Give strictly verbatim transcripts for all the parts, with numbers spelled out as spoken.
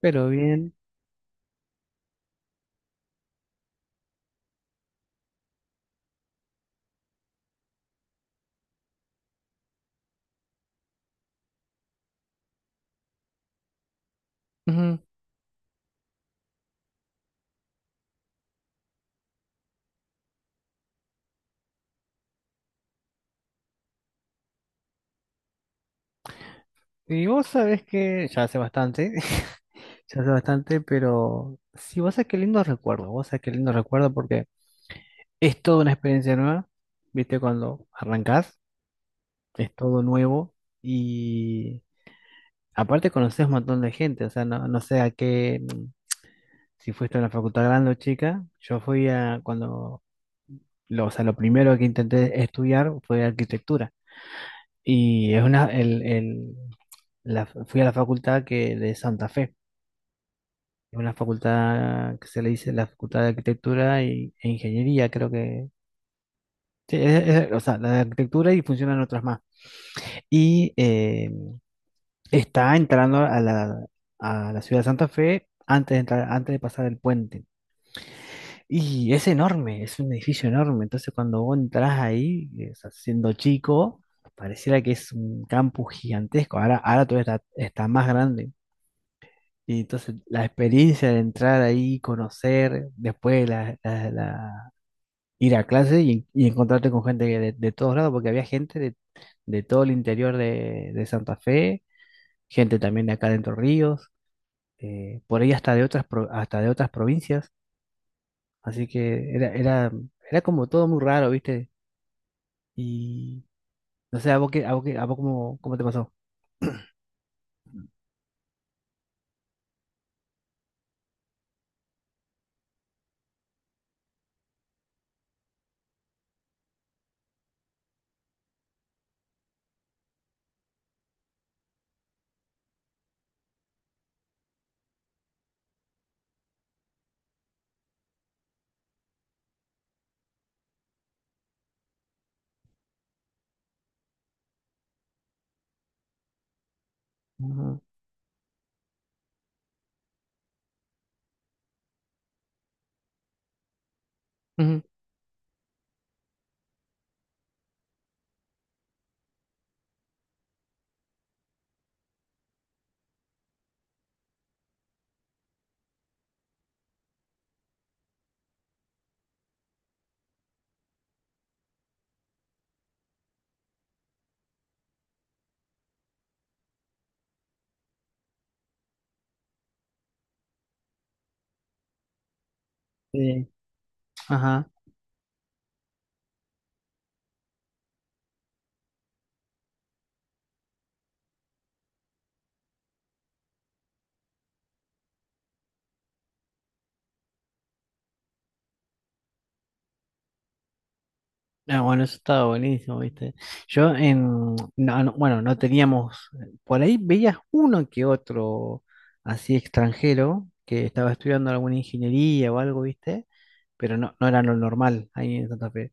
Pero bien. Ujú. Y vos sabés que ya hace bastante, ya hace bastante, pero sí, vos sabés qué lindo recuerdo, vos sabés qué lindo recuerdo porque es toda una experiencia nueva, viste, cuando arrancás, es todo nuevo y aparte conocés un montón de gente, o sea, no, no sé a qué, mm, si fuiste a una facultad grande o chica, yo fui a cuando, lo, o sea, lo primero que intenté estudiar fue arquitectura y es una, el, el, la, fui a la facultad que de Santa Fe. Es una facultad que se le dice la Facultad de Arquitectura y, e Ingeniería, creo que. Sí, es- es- o sea, la de arquitectura y funcionan otras más. Y eh, está entrando a la, a la ciudad de Santa Fe antes de entrar, antes de pasar el puente. Y es enorme, es un edificio enorme. Entonces, cuando vos entras ahí, eh, o sea, siendo chico, pareciera que es un campus gigantesco. Ahora, ahora todavía está, está más grande. Y entonces la experiencia de entrar ahí, conocer, después la, la, la- ir a clase y, y encontrarte con gente de, de todos lados, porque había gente de, de todo el interior de, de Santa Fe, gente también de acá de Entre Ríos, eh, por ahí hasta de otras, pro- hasta de otras provincias, así que era, era, era como todo muy raro, ¿viste? Y no sé, ¿a vos qué, a vos qué- a vos cómo, cómo te pasó? Ujú, ujú, sí, ajá. Ah, bueno, eso estaba buenísimo, ¿viste? Yo en, no, no, bueno, no teníamos, por ahí veías uno que otro así extranjero que estaba estudiando alguna ingeniería o algo, ¿viste? Pero no, no era lo normal ahí en Santa Fe.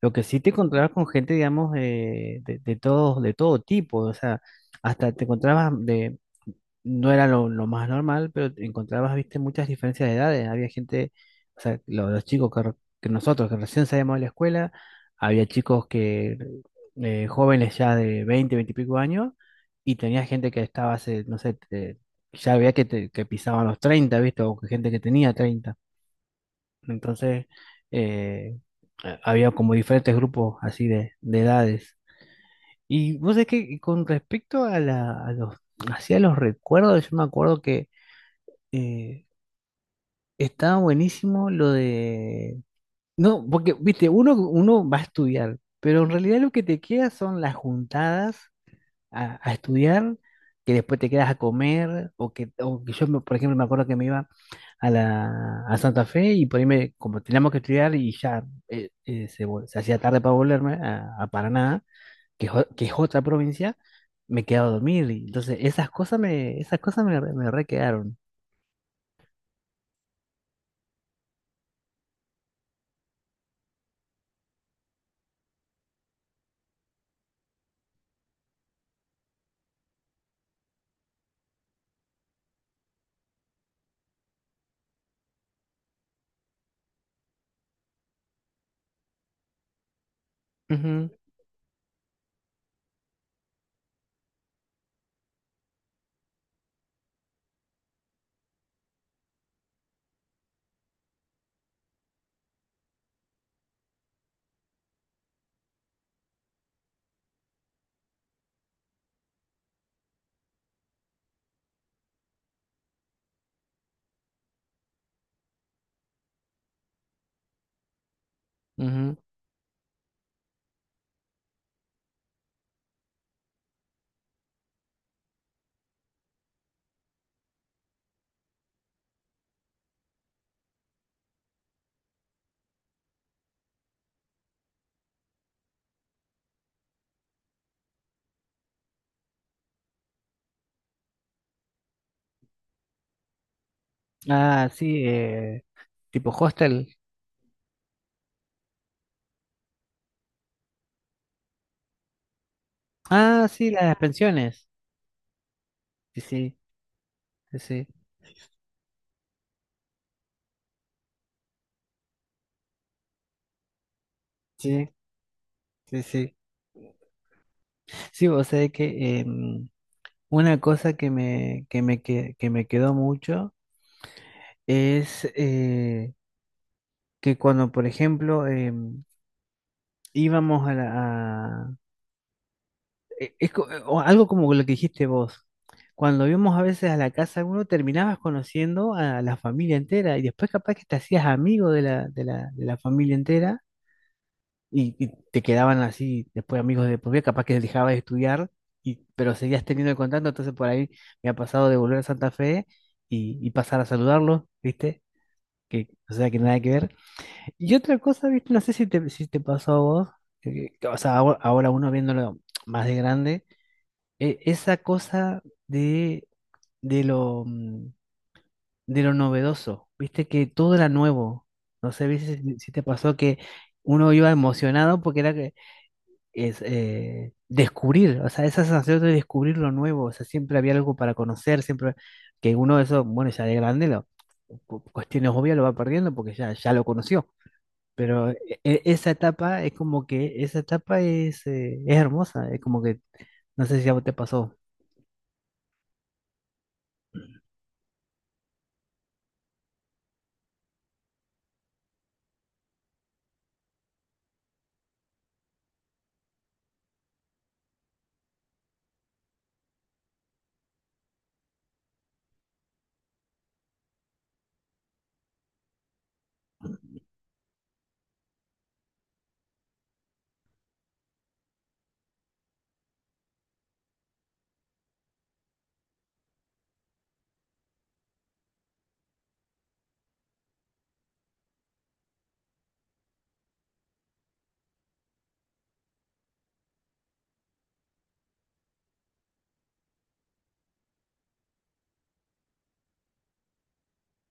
Lo que sí te encontrabas con gente, digamos, de, de, de todos, de todo tipo, o sea, hasta te encontrabas de, no era lo, lo más normal, pero te encontrabas, viste, muchas diferencias de edades. Había gente, o sea, lo- los, chicos que, re- que nosotros, que recién salíamos de la escuela, había chicos que eh, jóvenes ya de veinte 20 y pico años, y tenía gente que estaba hace, no sé, te- ya había que, te- que pisaban los treinta viste, o que gente que tenía treinta. Entonces, eh, a- había como diferentes grupos así de, de edades. Y vos sabés que con respecto a, la, a los, hacia los recuerdos, yo me acuerdo que eh, estaba buenísimo lo de... No, porque, viste, uno, uno va a estudiar, pero en realidad lo que te queda son las juntadas a, a estudiar, que después te quedas a comer, o que, o que yo, me- por ejemplo, me acuerdo que me iba a, la, a Santa Fe y por ahí me, como teníamos que estudiar y ya eh, eh, se, vol- se hacía tarde para volverme a, a Paraná, que, es o- que es otra provincia, me quedaba a dormir. Y entonces, esas cosas me, esas cosas me, re- me re quedaron. Ujú, ujú. Ah, sí, eh, tipo hostel. Ah, sí, las pensiones. Sí, sí, sí, sí, sí, sí. Sí, sí, o sea que em, una cosa que me, que me, que, que me quedó mucho es eh, que cuando, por ejemplo, em, íbamos a la... a- e- es co- eh, o algo como lo que dijiste vos. Cuando íbamos a veces a la casa, uno terminabas conociendo a la familia entera y después capaz que te hacías amigo de la, de la, de la familia entera. Y, y te quedaban así después amigos de por vida, capaz que dejabas de estudiar, y, pero seguías teniendo el contacto, entonces por ahí me ha pasado de volver a Santa Fe y, y pasar a saludarlos, ¿viste? Que, o sea, que nada que ver. Y otra cosa, ¿viste? No sé si te, si te pasó a vos, que- que, o sea, ahora, ahora uno viéndolo más de grande, eh, esa cosa de, de lo, mm, de lo novedoso, ¿viste? Que todo era nuevo. No sé, ¿viste si si te pasó que uno iba emocionado porque era que es eh, descubrir, o sea, esa sensación de descubrir lo nuevo, o sea, siempre había algo para conocer, siempre que uno de esos, bueno, ya de grande, lo, cu- cuestiones obvias lo va perdiendo porque ya, ya lo conoció, pero e- e- esa etapa es como que, esa etapa es, eh, es hermosa, es como que, no sé si a vos te pasó,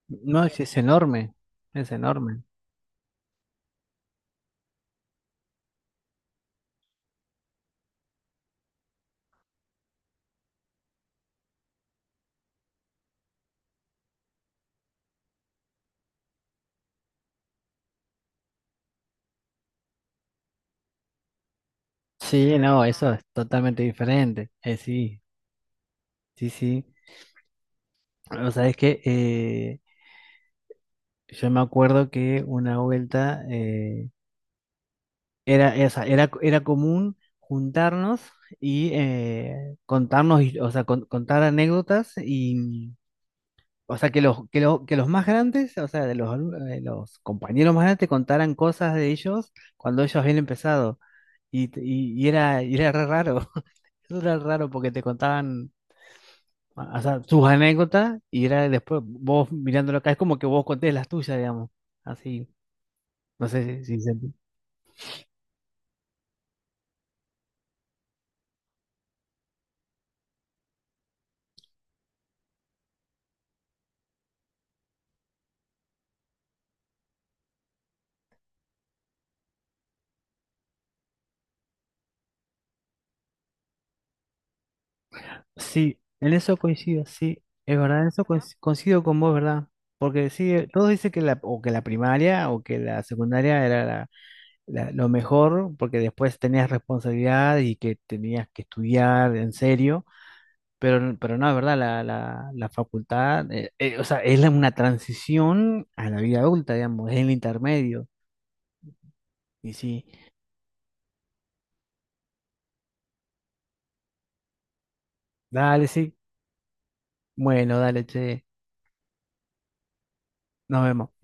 no, es, es enorme, es enorme. Sí, no, eso es totalmente diferente, eh, sí, sí, sí. O sea, es que eh, yo me acuerdo que una vuelta, era, esa, era, era común juntarnos y eh, contarnos, his- o sea, con- contar anécdotas y, o sea, que los, que los, que los más grandes, o sea, de los, alum- eh, los compañeros más grandes contaran cosas de ellos cuando ellos habían empezado. Y, t- y, y era, y era re raro, eso era raro porque te contaban, o sea, sus anécdotas y era después vos mirándolo acá, es como que vos contés las tuyas, digamos, así, no sé si, si se sí, en eso coincido, sí, es verdad, en eso coinc- coincido con vos, ¿verdad? Porque sí, eh, todos dicen que la, o que la primaria o que la secundaria era la- la- lo mejor, porque después tenías responsabilidad y que tenías que estudiar en serio, pero, n- pero no, es verdad, la, la, la facultad, eh, eh, o sea, es la- una transición a la vida adulta, digamos, es el intermedio, y sí, dale, sí, bueno, dale, che, nos vemos.